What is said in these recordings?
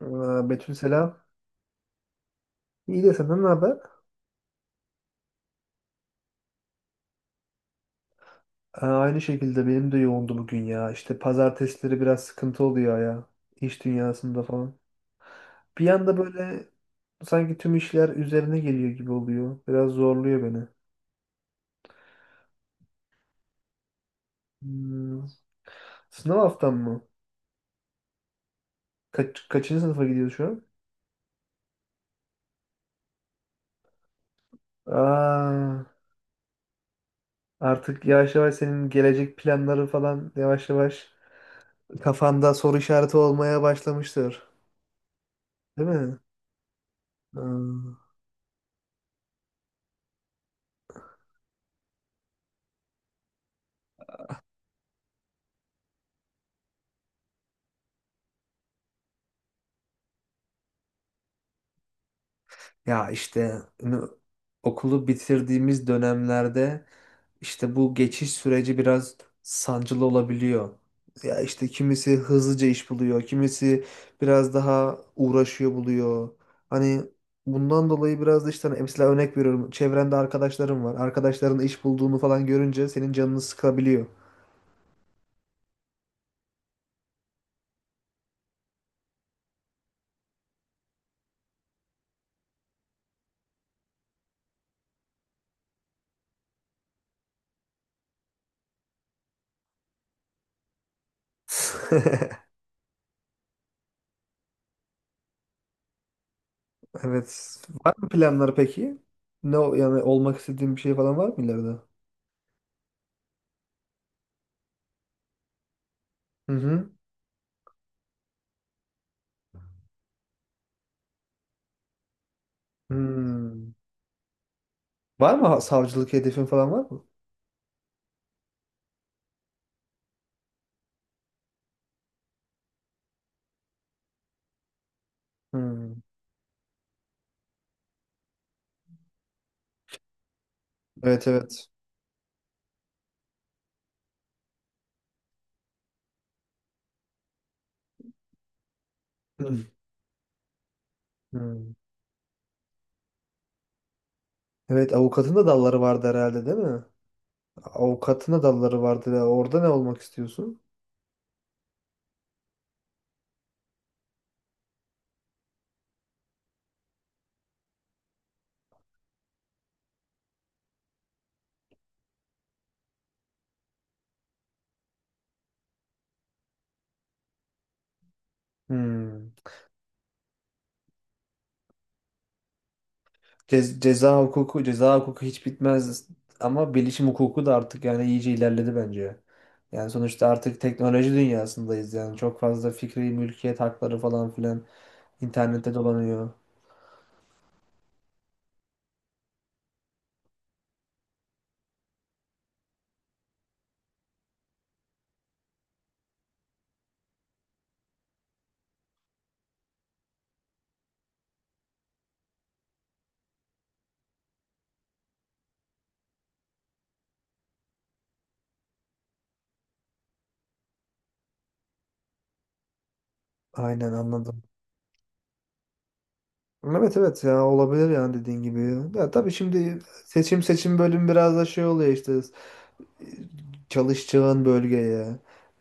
Betül selam. İyi de senden ne haber? Aynı şekilde benim de yoğundu bugün ya. İşte pazartesileri biraz sıkıntı oluyor ya. İş dünyasında falan. Bir anda böyle sanki tüm işler üzerine geliyor gibi oluyor. Biraz zorluyor beni. Hmm, sınav haftam mı? Kaçıncı sınıfa gidiyorsun şu an? Aa, Artık yavaş yavaş senin gelecek planları falan yavaş yavaş kafanda soru işareti olmaya başlamıştır. Değil mi? Aa. Ya işte okulu bitirdiğimiz dönemlerde işte bu geçiş süreci biraz sancılı olabiliyor. Ya işte kimisi hızlıca iş buluyor, kimisi biraz daha uğraşıyor buluyor. Hani bundan dolayı biraz da işte hani mesela örnek veriyorum. Çevrende arkadaşlarım var. Arkadaşların iş bulduğunu falan görünce senin canını sıkabiliyor. Evet. Var mı planlar peki? Yani olmak istediğin bir şey falan var mı ileride? Hı hı. Hmm. Var mı savcılık hedefin falan var mı? Hmm. Evet, evet. Hmm. Hmm. Evet, avukatın da dalları vardı herhalde, değil mi? Avukatın da dalları vardı. Ya, orada ne olmak istiyorsun? Hmm. Ceza hukuku, ceza hukuku hiç bitmez ama bilişim hukuku da artık yani iyice ilerledi bence. Yani sonuçta artık teknoloji dünyasındayız, yani çok fazla fikri mülkiyet hakları falan filan internette dolanıyor. Aynen, anladım. Evet, evet, ya olabilir yani dediğin gibi. Ya tabii şimdi seçim bölüm biraz da şey oluyor işte, e, çalışacağın bölgeye,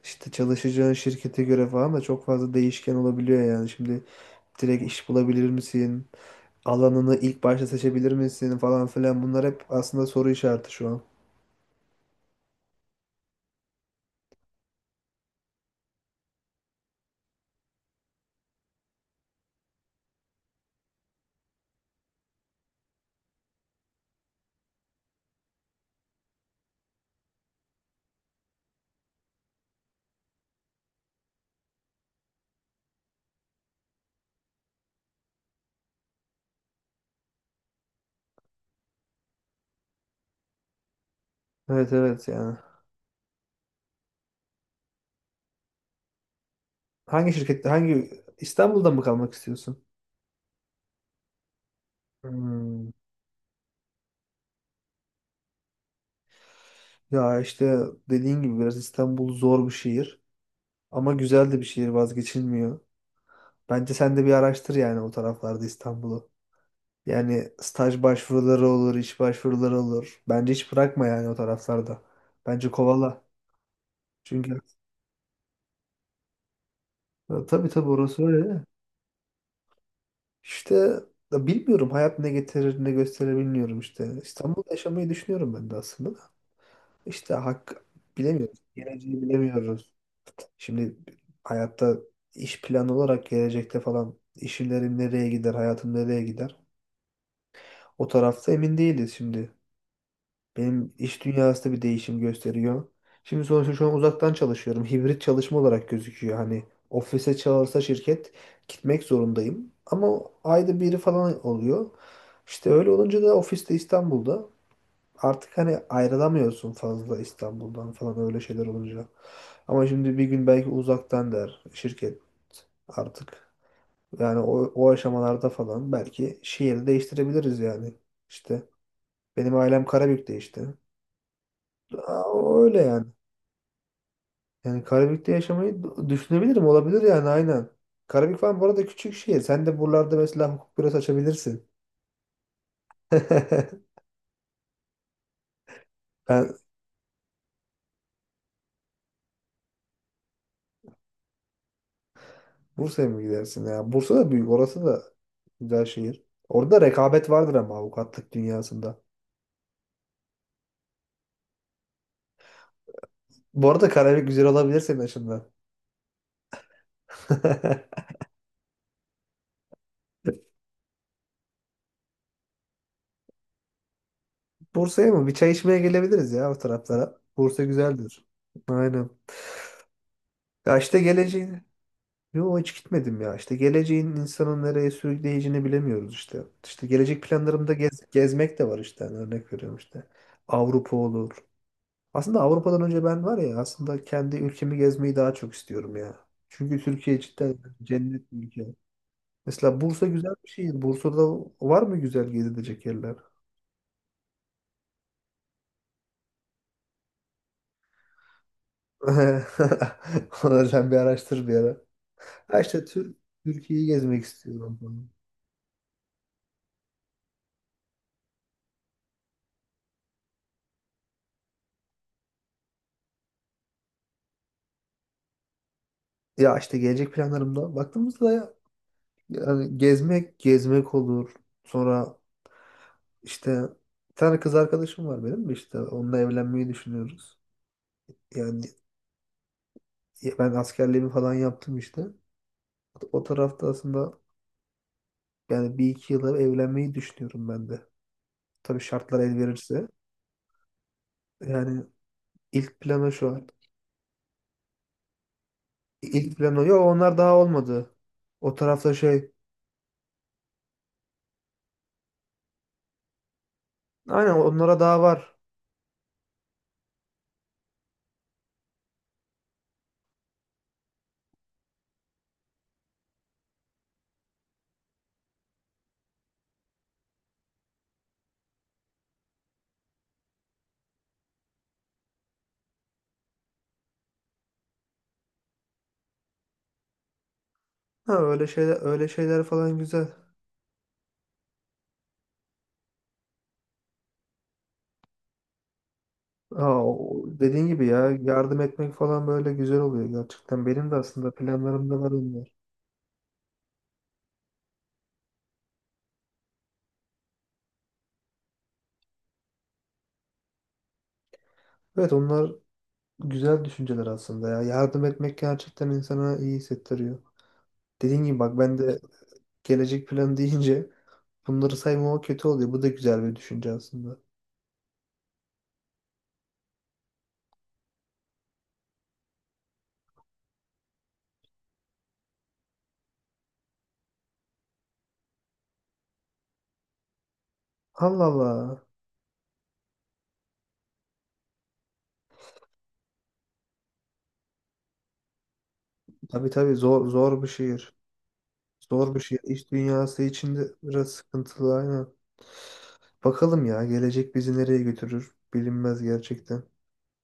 işte çalışacağın şirkete göre falan da çok fazla değişken olabiliyor yani. Şimdi direkt iş bulabilir misin? Alanını ilk başta seçebilir misin falan filan, bunlar hep aslında soru işareti şu an. Evet, evet yani. Hangi şirkette hangi İstanbul'da mı kalmak istiyorsun? Hmm. Ya işte dediğin gibi biraz İstanbul zor bir şehir ama güzel de bir şehir, vazgeçilmiyor. Bence sen de bir araştır yani o taraflarda İstanbul'u. Yani staj başvuruları olur, iş başvuruları olur. Bence hiç bırakma yani o taraflarda. Bence kovala. Çünkü ya tabii, tabii orası öyle. İşte ya bilmiyorum, hayat ne getirir ne gösterir bilmiyorum işte. İstanbul'da yaşamayı düşünüyorum ben de aslında. Da. İşte hak bilemiyoruz. Geleceği bilemiyoruz. Şimdi hayatta iş planı olarak gelecekte falan işlerim nereye gider, hayatım nereye gider? O tarafta emin değiliz şimdi. Benim iş dünyası da bir değişim gösteriyor. Şimdi sonuçta şu an uzaktan çalışıyorum. Hibrit çalışma olarak gözüküyor. Hani ofise çağırsa şirket gitmek zorundayım. Ama ayda biri falan oluyor. İşte öyle olunca da ofiste İstanbul'da artık hani ayrılamıyorsun fazla İstanbul'dan falan öyle şeyler olunca. Ama şimdi bir gün belki uzaktan der şirket artık. Yani o aşamalarda falan belki şehri değiştirebiliriz yani. İşte benim ailem Karabük'te işte. Öyle yani. Yani Karabük'te yaşamayı düşünebilirim. Olabilir yani, aynen. Karabük falan bu arada küçük şehir. Sen de buralarda mesela hukuk bürosu açabilirsin. Ben Bursa'ya mı gidersin ya? Bursa da büyük. Orası da güzel şehir. Orada rekabet vardır ama avukatlık dünyasında. Bu arada Karabük güzel olabilir senin açından. Bursa'ya mı? Bir çay içmeye gelebiliriz ya o taraflara. Bursa güzeldir. Aynen. Ya işte geleceği. Yo, hiç gitmedim ya. İşte geleceğin insanın nereye sürükleyeceğini bilemiyoruz işte. İşte gelecek planlarımda gezmek de var işte. Yani örnek veriyorum işte. Avrupa olur. Aslında Avrupa'dan önce ben var ya, aslında kendi ülkemi gezmeyi daha çok istiyorum ya. Çünkü Türkiye cidden cennet bir ülke. Mesela Bursa güzel bir şehir. Bursa'da var mı güzel gezilecek yerler? Onları sen bir araştır bir ara. Ha işte Türkiye'yi gezmek istiyorum. Falan. Ya işte gelecek planlarımda baktığımızda yani gezmek olur. Sonra işte bir tane kız arkadaşım var benim de işte, onunla evlenmeyi düşünüyoruz. Yani ben askerliğimi falan yaptım işte. O tarafta aslında yani bir iki yıla evlenmeyi düşünüyorum ben de. Tabii şartlar el verirse. Yani ilk planı şu an. İlk planı yok, onlar daha olmadı. O tarafta şey. Aynen, onlara daha var. Ha, öyle şeyler, öyle şeyler falan güzel. Dediğin gibi ya, yardım etmek falan böyle güzel oluyor gerçekten. Benim de aslında planlarımda var onlar. Evet, onlar güzel düşünceler aslında ya. Yardım etmek gerçekten insana iyi hissettiriyor. Dediğin gibi bak, ben de gelecek planı deyince bunları saymama kötü oluyor. Bu da güzel bir düşünce aslında. Allah Allah. Tabii tabii, zor bir şehir. Zor bir şehir. İş dünyası içinde biraz sıkıntılı, aynen. Bakalım ya, gelecek bizi nereye götürür bilinmez gerçekten.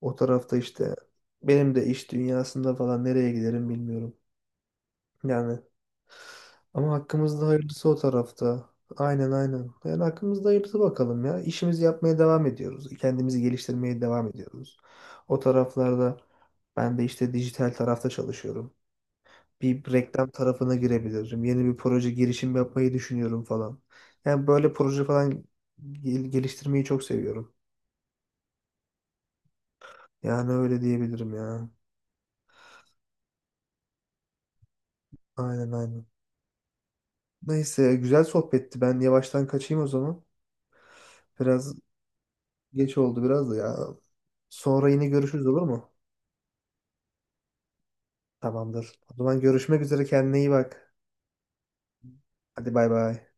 O tarafta işte benim de iş dünyasında falan nereye giderim bilmiyorum. Yani ama hakkımızda hayırlısı o tarafta. Aynen, aynen. Yani hakkımızda hayırlısı bakalım ya. İşimizi yapmaya devam ediyoruz. Kendimizi geliştirmeye devam ediyoruz. O taraflarda ben de işte dijital tarafta çalışıyorum. Bir reklam tarafına girebilirim. Yeni bir proje girişim yapmayı düşünüyorum falan. Yani böyle proje falan geliştirmeyi çok seviyorum. Yani öyle diyebilirim ya. Aynen, aynen. Neyse, güzel sohbetti. Ben yavaştan kaçayım o zaman. Biraz geç oldu biraz da ya. Sonra yine görüşürüz, olur mu? Tamamdır. O zaman görüşmek üzere, kendine iyi bak. Hadi, bay bay.